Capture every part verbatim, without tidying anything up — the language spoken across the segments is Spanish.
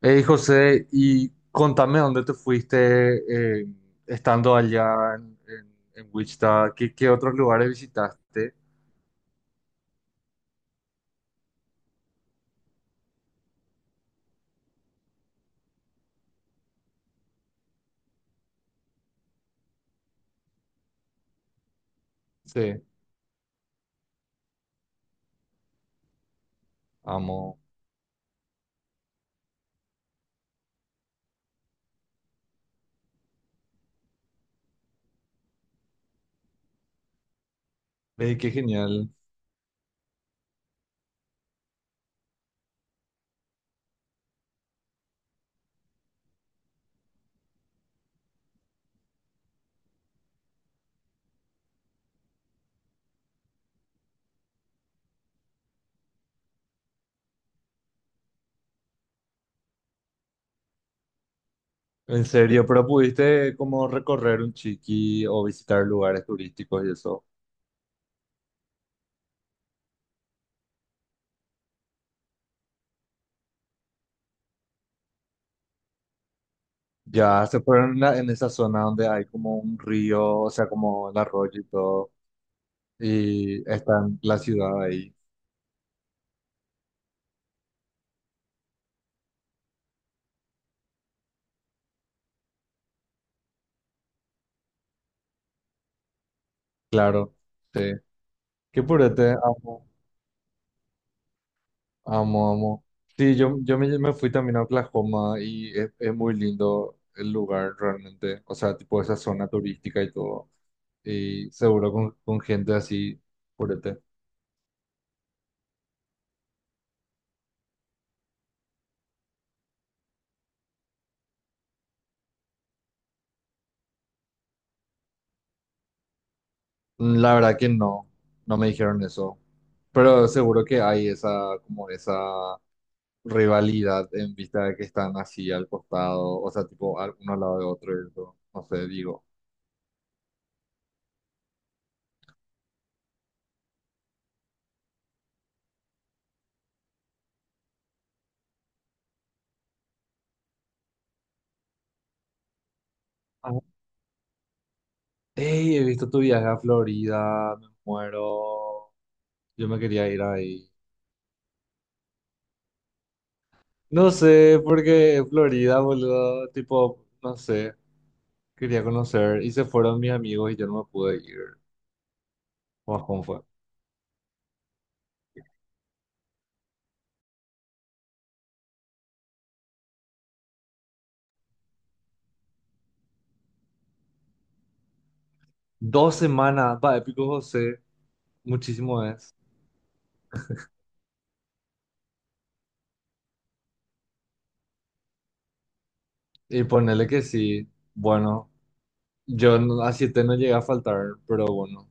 Hey José, y contame dónde te fuiste, eh, estando allá en, en- en Wichita. ¿Qué, qué otros lugares visitaste? Sí, amo. Ey, qué genial. En serio, pero pudiste como recorrer un chiqui o visitar lugares turísticos y eso. Ya se fueron en, la- en esa zona donde hay como un río, o sea, como un arroyo y todo, y está en la ciudad ahí. Claro, sí. Qué purete, amo. Amo, amo. Sí, yo, yo me, me fui también a Oklahoma y es, es muy lindo el lugar realmente. O sea, tipo esa zona turística y todo. Y seguro con, con gente así, purete. Mm, La verdad que no, no me dijeron eso. Pero seguro que hay esa, como esa rivalidad en vista de que están así al costado, o sea, tipo al- uno al lado de otro y eso. No sé, digo. Ah, ey, he visto tu viaje a Florida, me muero. Yo me quería ir ahí. No sé, porque Florida, boludo, tipo, no sé, quería conocer y se fueron mis amigos y yo no me pude ir. ¿Cómo fue? Dos semanas, va, épico José, muchísimo es. Y ponele que sí, bueno, yo no- a siete no llegué a faltar, pero bueno,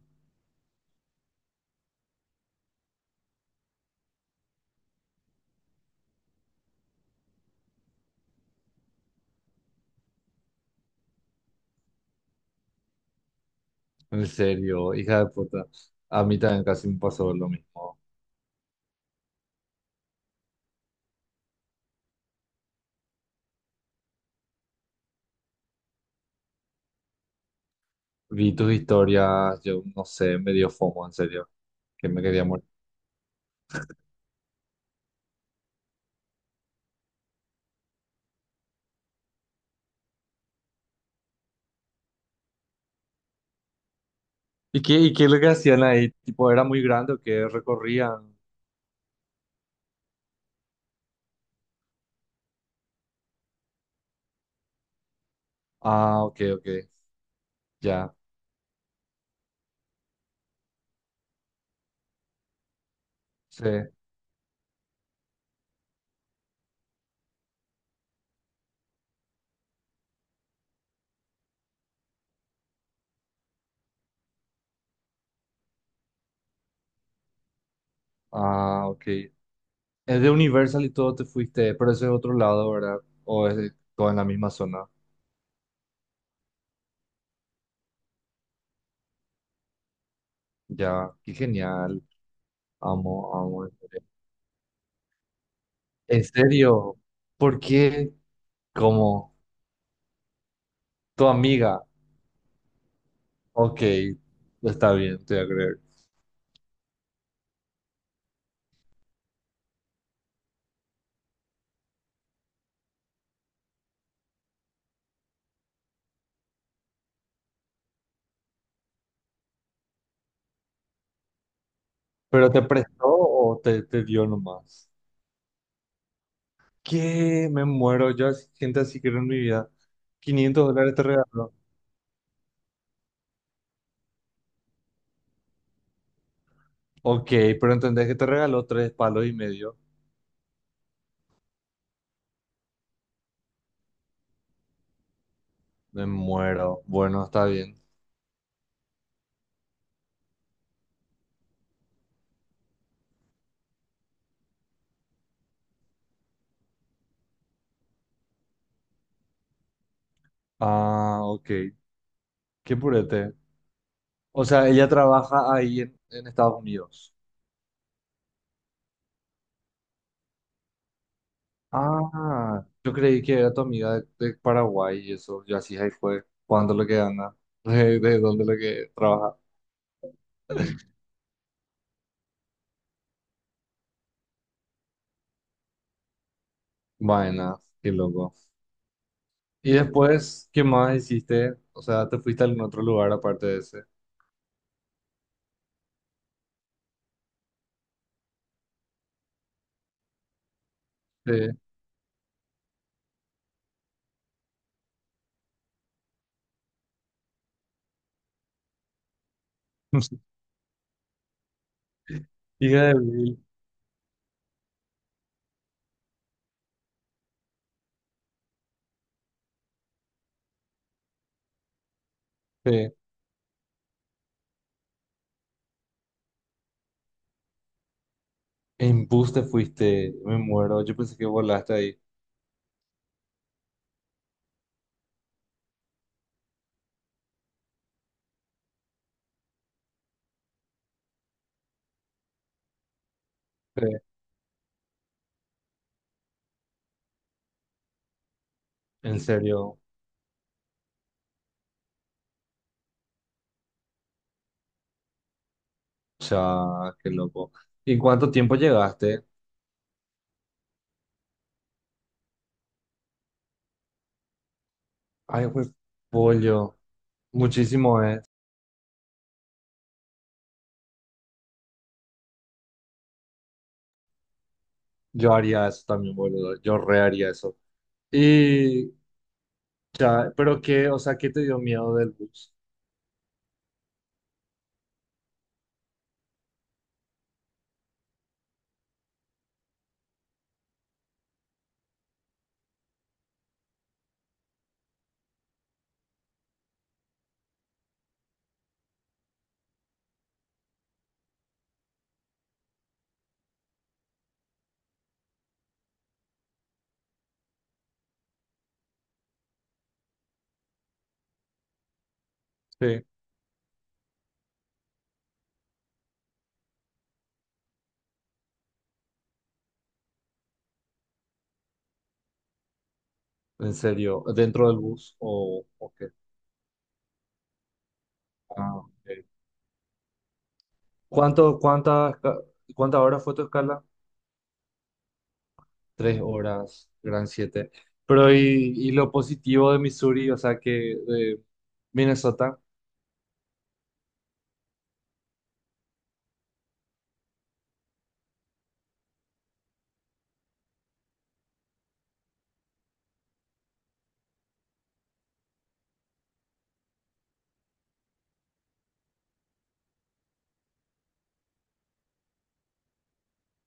en serio, hija de puta, a mí también casi me pasó lo mismo. Vi tus historias, yo no sé, me dio FOMO, en serio, que me quería morir. ¿Y qué, y qué es lo que hacían ahí? Tipo, ¿era muy grande o qué recorrían? Ah, ok, ok. Ya, sí. Ah, ok. Es de Universal y todo te fuiste, pero eso es otro lado, ¿verdad? O es de- todo en la misma zona. Ya, qué genial. Amo, amo. En serio. ¿En serio? ¿Por qué? Como tu amiga. Ok, está bien, te voy a creer. ¿Pero te prestó o te, te dio nomás? ¿Qué? Me muero. Yo así- gente así quiero en mi vida. Quinientos dólares te regaló. Ok, pero entendés que te regaló tres palos y medio. Me muero. Bueno, está bien. Ah, ok. Qué purete. O sea, ella trabaja ahí en, en Estados Unidos. Ah, yo creí que era tu amiga de, de Paraguay y eso. Yo así ahí fue. ¿Cuánto lo que gana? ¿De, de dónde lo que trabaja? Vaina, qué loco. Y después, ¿qué más hiciste? O sea, ¿te fuiste a algún otro lugar aparte de ese? Sí. Hija de Bill. Sí. En bus te fuiste. Me muero. Yo pensé que volaste ahí. Sí. En serio. O sea, qué loco. ¿Y en cuánto tiempo llegaste? Ay, pues, pollo. Muchísimo es. Yo haría eso también, boludo. Yo re haría eso. Y ya, pero qué, o sea, ¿qué te dio miedo del bus? Sí. ¿En serio? ¿Dentro del bus o, o qué? Ah, ok. ¿Cuánto, cuántas, cuántas horas fue tu escala? Tres horas, gran siete. Pero y, y lo positivo de Missouri, o sea, que de Minnesota, o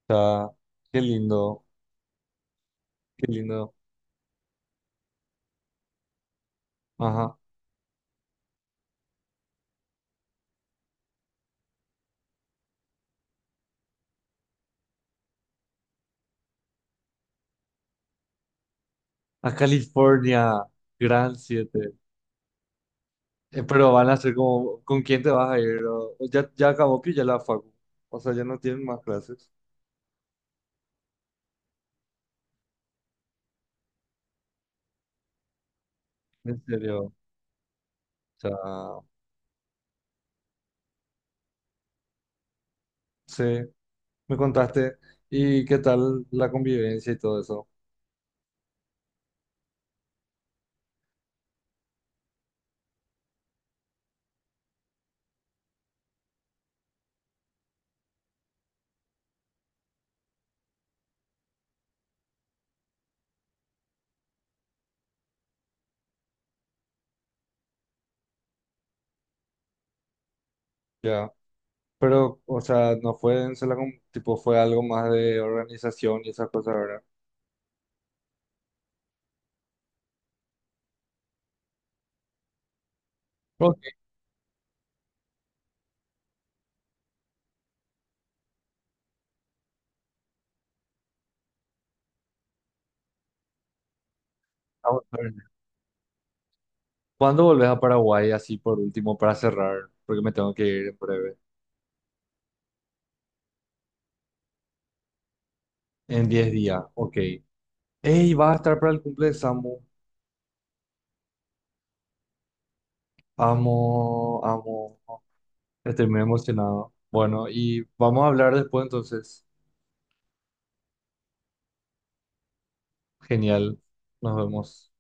sea, qué lindo, qué lindo. Ajá. A California, gran siete. Eh, pero van a ser como, ¿con quién te vas a ir? O- o ya, ya acabó que ya la facu. O sea, ya no tienen más clases. En serio. O sea, sí, me contaste. ¿Y qué tal la convivencia y todo eso? Ya. Pero, o sea, no fue en sola con- tipo, fue algo más de organización y esas cosas, ¿verdad? Ok, vamos a ver. ¿Cuándo volvés a Paraguay así por último para cerrar? Porque me tengo que ir en breve. En diez días, ok. Ey, va a estar para el cumple de Samu. Amo, amo. Estoy muy emocionado. Bueno, y vamos a hablar después entonces. Genial. Nos vemos.